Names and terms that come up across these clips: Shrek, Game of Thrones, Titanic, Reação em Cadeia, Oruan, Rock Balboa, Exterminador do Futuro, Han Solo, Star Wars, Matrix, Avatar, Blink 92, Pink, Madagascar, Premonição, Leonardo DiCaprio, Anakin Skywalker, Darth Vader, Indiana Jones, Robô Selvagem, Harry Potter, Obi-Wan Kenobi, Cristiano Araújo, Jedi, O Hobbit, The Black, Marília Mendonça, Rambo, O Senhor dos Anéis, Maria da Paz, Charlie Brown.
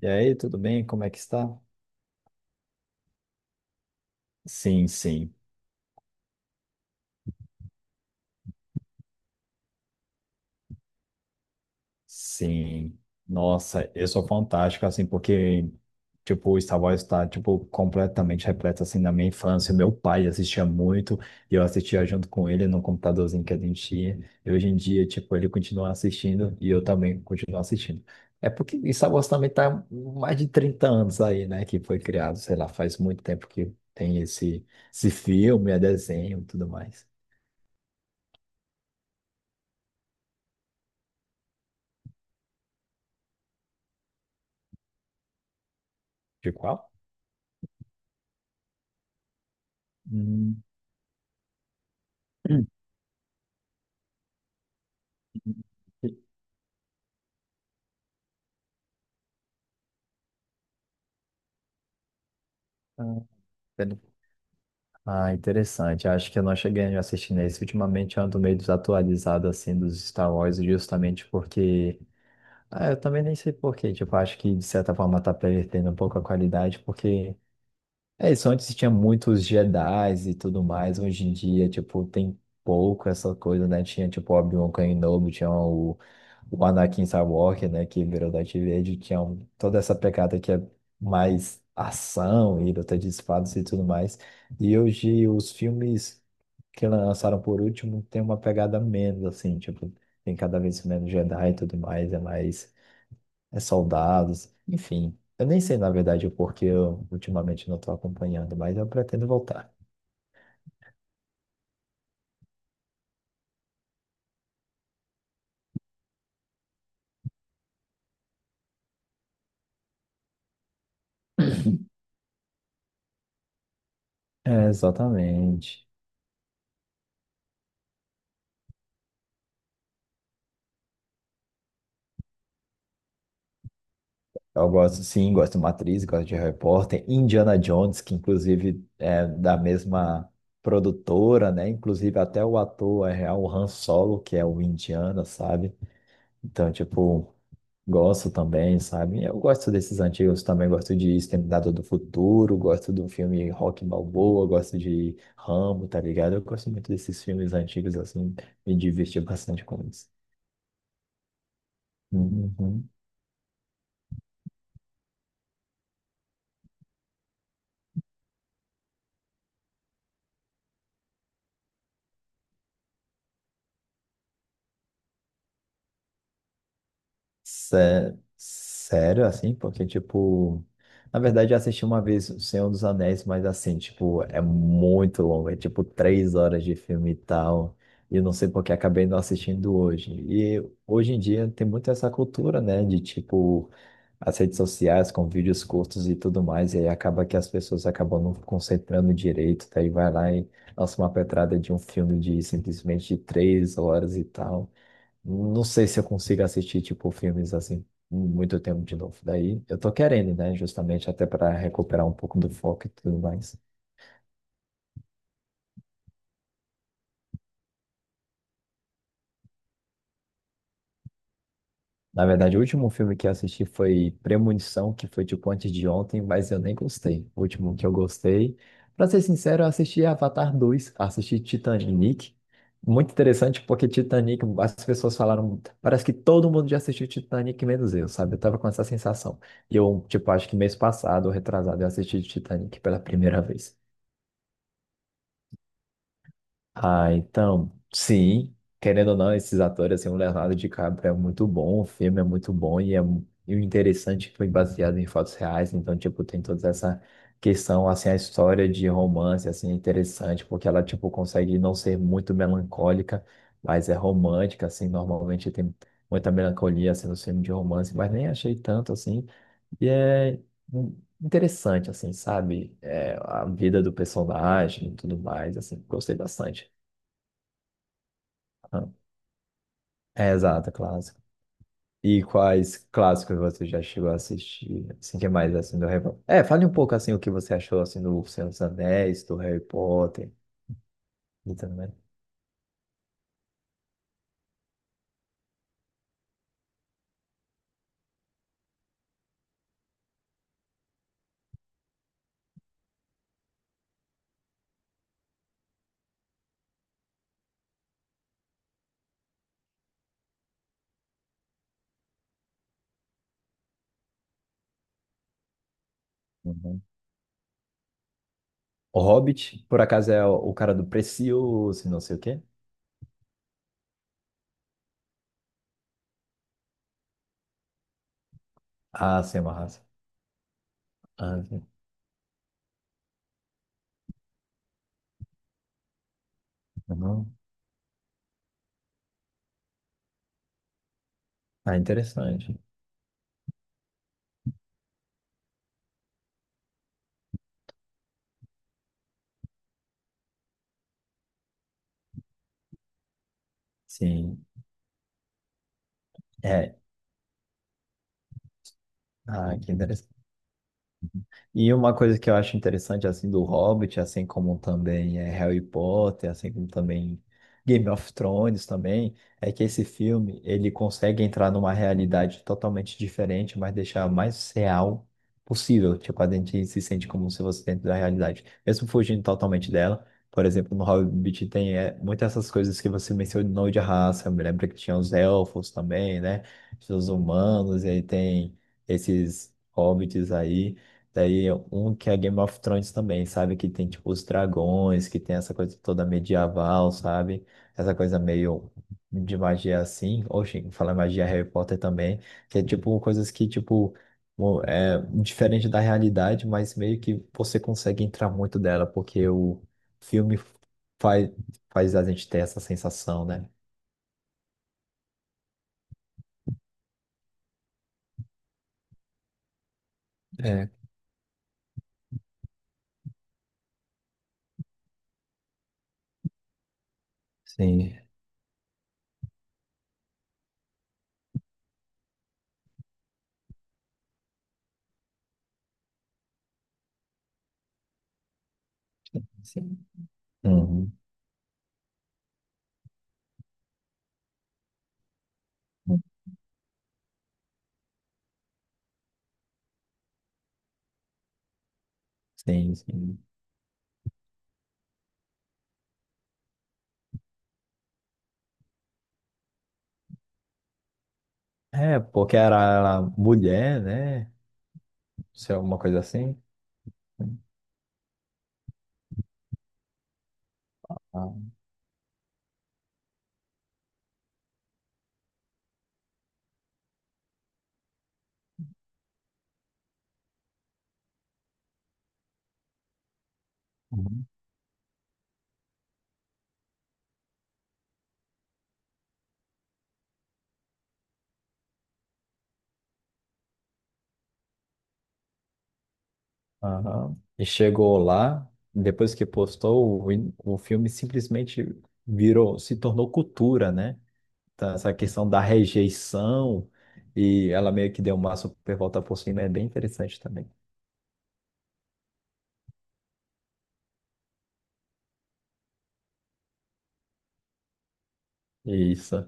E aí, tudo bem? Como é que está? Sim, sim. Nossa, eu sou fantástico, assim, porque, tipo, o Star Wars está, tipo, completamente repleto, assim, na minha infância. Meu pai assistia muito, e eu assistia junto com ele no computadorzinho que a gente tinha. E hoje em dia, tipo, ele continua assistindo, e eu também continuo assistindo. É porque Star Wars também tá mais de 30 anos aí, né, que foi criado, sei lá, faz muito tempo que tem esse filme, é desenho e tudo mais. De qual? Hum. Ah, inter- ah, interessante. Acho que eu não cheguei a assistir nesse. Ultimamente eu ando meio desatualizado assim dos Star Wars, justamente porque. Ah, eu também nem sei por quê. Tipo, acho que de certa forma tá perdendo um pouco a qualidade, porque. É isso, antes tinha muitos Jedi's e tudo mais. Hoje em dia, tipo, tem pouco essa coisa, né? Tinha, tipo, Obi-Wan Kenobi, tinha o Anakin Skywalker, né, que virou Darth Vader, tinha um- toda essa pegada que é mais ação e luta de espadas e tudo mais. E hoje os filmes que lançaram por último tem uma pegada menos, assim, tipo, tem cada vez menos Jedi e tudo mais é soldados, enfim. Eu nem sei, na verdade, o porquê eu ultimamente não estou acompanhando, mas eu pretendo voltar. É, exatamente. Eu gosto, sim, gosto de Matrix, gosto de Harry Potter, Indiana Jones, que inclusive é da mesma produtora, né? Inclusive até o ator é real, o Han Solo, que é o Indiana, sabe? Então, tipo, gosto também, sabe? Eu gosto desses antigos também, gosto de Exterminador do Futuro, gosto do filme Rock Balboa, gosto de Rambo, tá ligado? Eu gosto muito desses filmes antigos, assim, me diverti bastante com isso. Uhum. Sério, assim, porque, tipo, na verdade eu assisti uma vez O Senhor dos Anéis, mas assim, tipo, é muito longo, é tipo 3 horas de filme e tal, e eu não sei porque acabei não assistindo hoje. E hoje em dia tem muito essa cultura, né, de tipo, as redes sociais com vídeos curtos e tudo mais, e aí acaba que as pessoas acabam não concentrando direito, daí vai lá e lança uma pedrada de um filme de simplesmente 3 horas e tal. Não sei se eu consigo assistir, tipo, filmes assim, muito tempo de novo. Daí eu tô querendo, né? Justamente até para recuperar um pouco do foco e tudo mais. Na verdade, o último filme que eu assisti foi Premonição, que foi tipo antes de ontem, mas eu nem gostei. O último que eu gostei, pra ser sincero, eu assisti Avatar dois, assisti Titanic. Muito interessante porque Titanic, as pessoas falaram, parece que todo mundo já assistiu Titanic, menos eu, sabe? Eu tava com essa sensação. E eu, tipo, acho que mês passado, ou retrasado, eu assisti Titanic pela primeira vez. Ah, então, sim, querendo ou não, esses atores, assim, o Leonardo DiCaprio é muito bom, o filme é muito bom e, é, mu- e o interessante é que foi baseado em fatos reais, então, tipo, tem toda essa questão, assim, a história de romance, assim, é interessante, porque ela, tipo, consegue não ser muito melancólica, mas é romântica, assim, normalmente tem muita melancolia, assim, nos filmes de romance, mas nem achei tanto, assim, e é interessante, assim, sabe? É, a vida do personagem e tudo mais, assim, gostei bastante. Ah, é, exato, clássico. E quais clássicos você já chegou a assistir? Assim, que mais, assim, do Harry Potter? É, fale um pouco, assim, o que você achou, assim, do Senhor dos Anéis, do Harry Potter e também. Uhum. O Hobbit, por acaso, é o cara do Precioso, não sei o quê? Ah, sim, é uma raça. Ah, sim. Uhum. Ah, interessante. Sim. É. Ah, que. E uma coisa que eu acho interessante, assim, do Hobbit, assim como também é Harry Potter, assim como também Game of Thrones também, é que esse filme, ele consegue entrar numa realidade totalmente diferente, mas deixar mais real possível. Tipo, a gente se sente como se fosse dentro da realidade, mesmo fugindo totalmente dela. Por exemplo, no Hobbit tem muitas essas coisas que você mencionou de raça. Eu me lembro que tinha os elfos também, né? Os humanos, e aí tem esses hobbits aí. Daí um que é Game of Thrones também, sabe? Que tem tipo os dragões, que tem essa coisa toda medieval, sabe? Essa coisa meio de magia assim. Oxe, fala magia Harry Potter também, que é tipo coisas que tipo mo- é diferente da realidade, mas meio que você consegue entrar muito dela, porque o filme faz, faz a gente ter essa sensação, né? É, sim. Sim. Uhum. Sim. É, porque era ela mulher, né? Se é alguma coisa assim? Ah, uhum. Aham. E chegou lá, depois que postou, o, in- o filme simplesmente virou, se tornou cultura, né? Então, essa questão da rejeição, e ela meio que deu uma super volta por cima, é bem interessante também. Isso.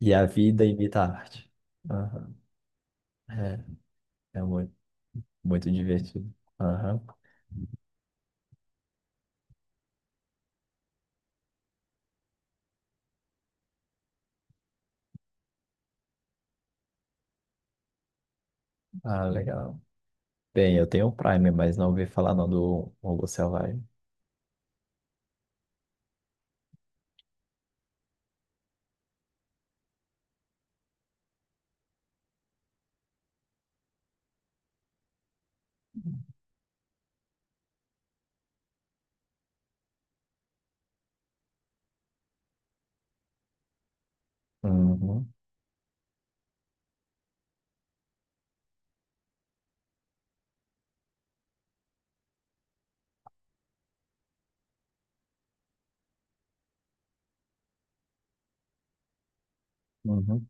E a vida imita a arte. Aham. É, é muito. Muito divertido. Aham. Ah, legal. Bem, eu tenho o Prime, mas não ouvi falar não do Robô Selvagem. Uhum, uhum.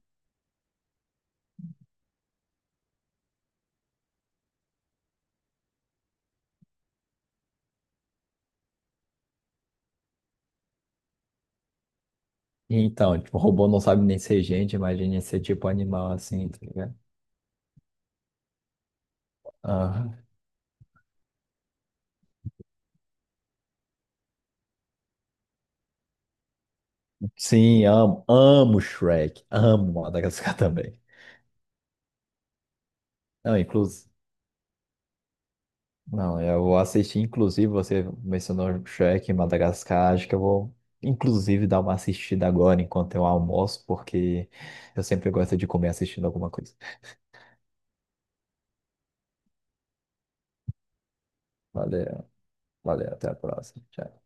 Então, tipo, o robô não sabe nem ser gente, imagine ser tipo animal assim, tá ligado? Aham. Sim, amo Shrek, amo Madagascar também. Não, inclusive, Não, eu vou assistir, inclusive, você mencionou Shrek em Madagascar, acho que eu vou, inclusive, dar uma assistida agora enquanto eu almoço, porque eu sempre gosto de comer assistindo alguma coisa. Valeu, valeu, até a próxima. Tchau.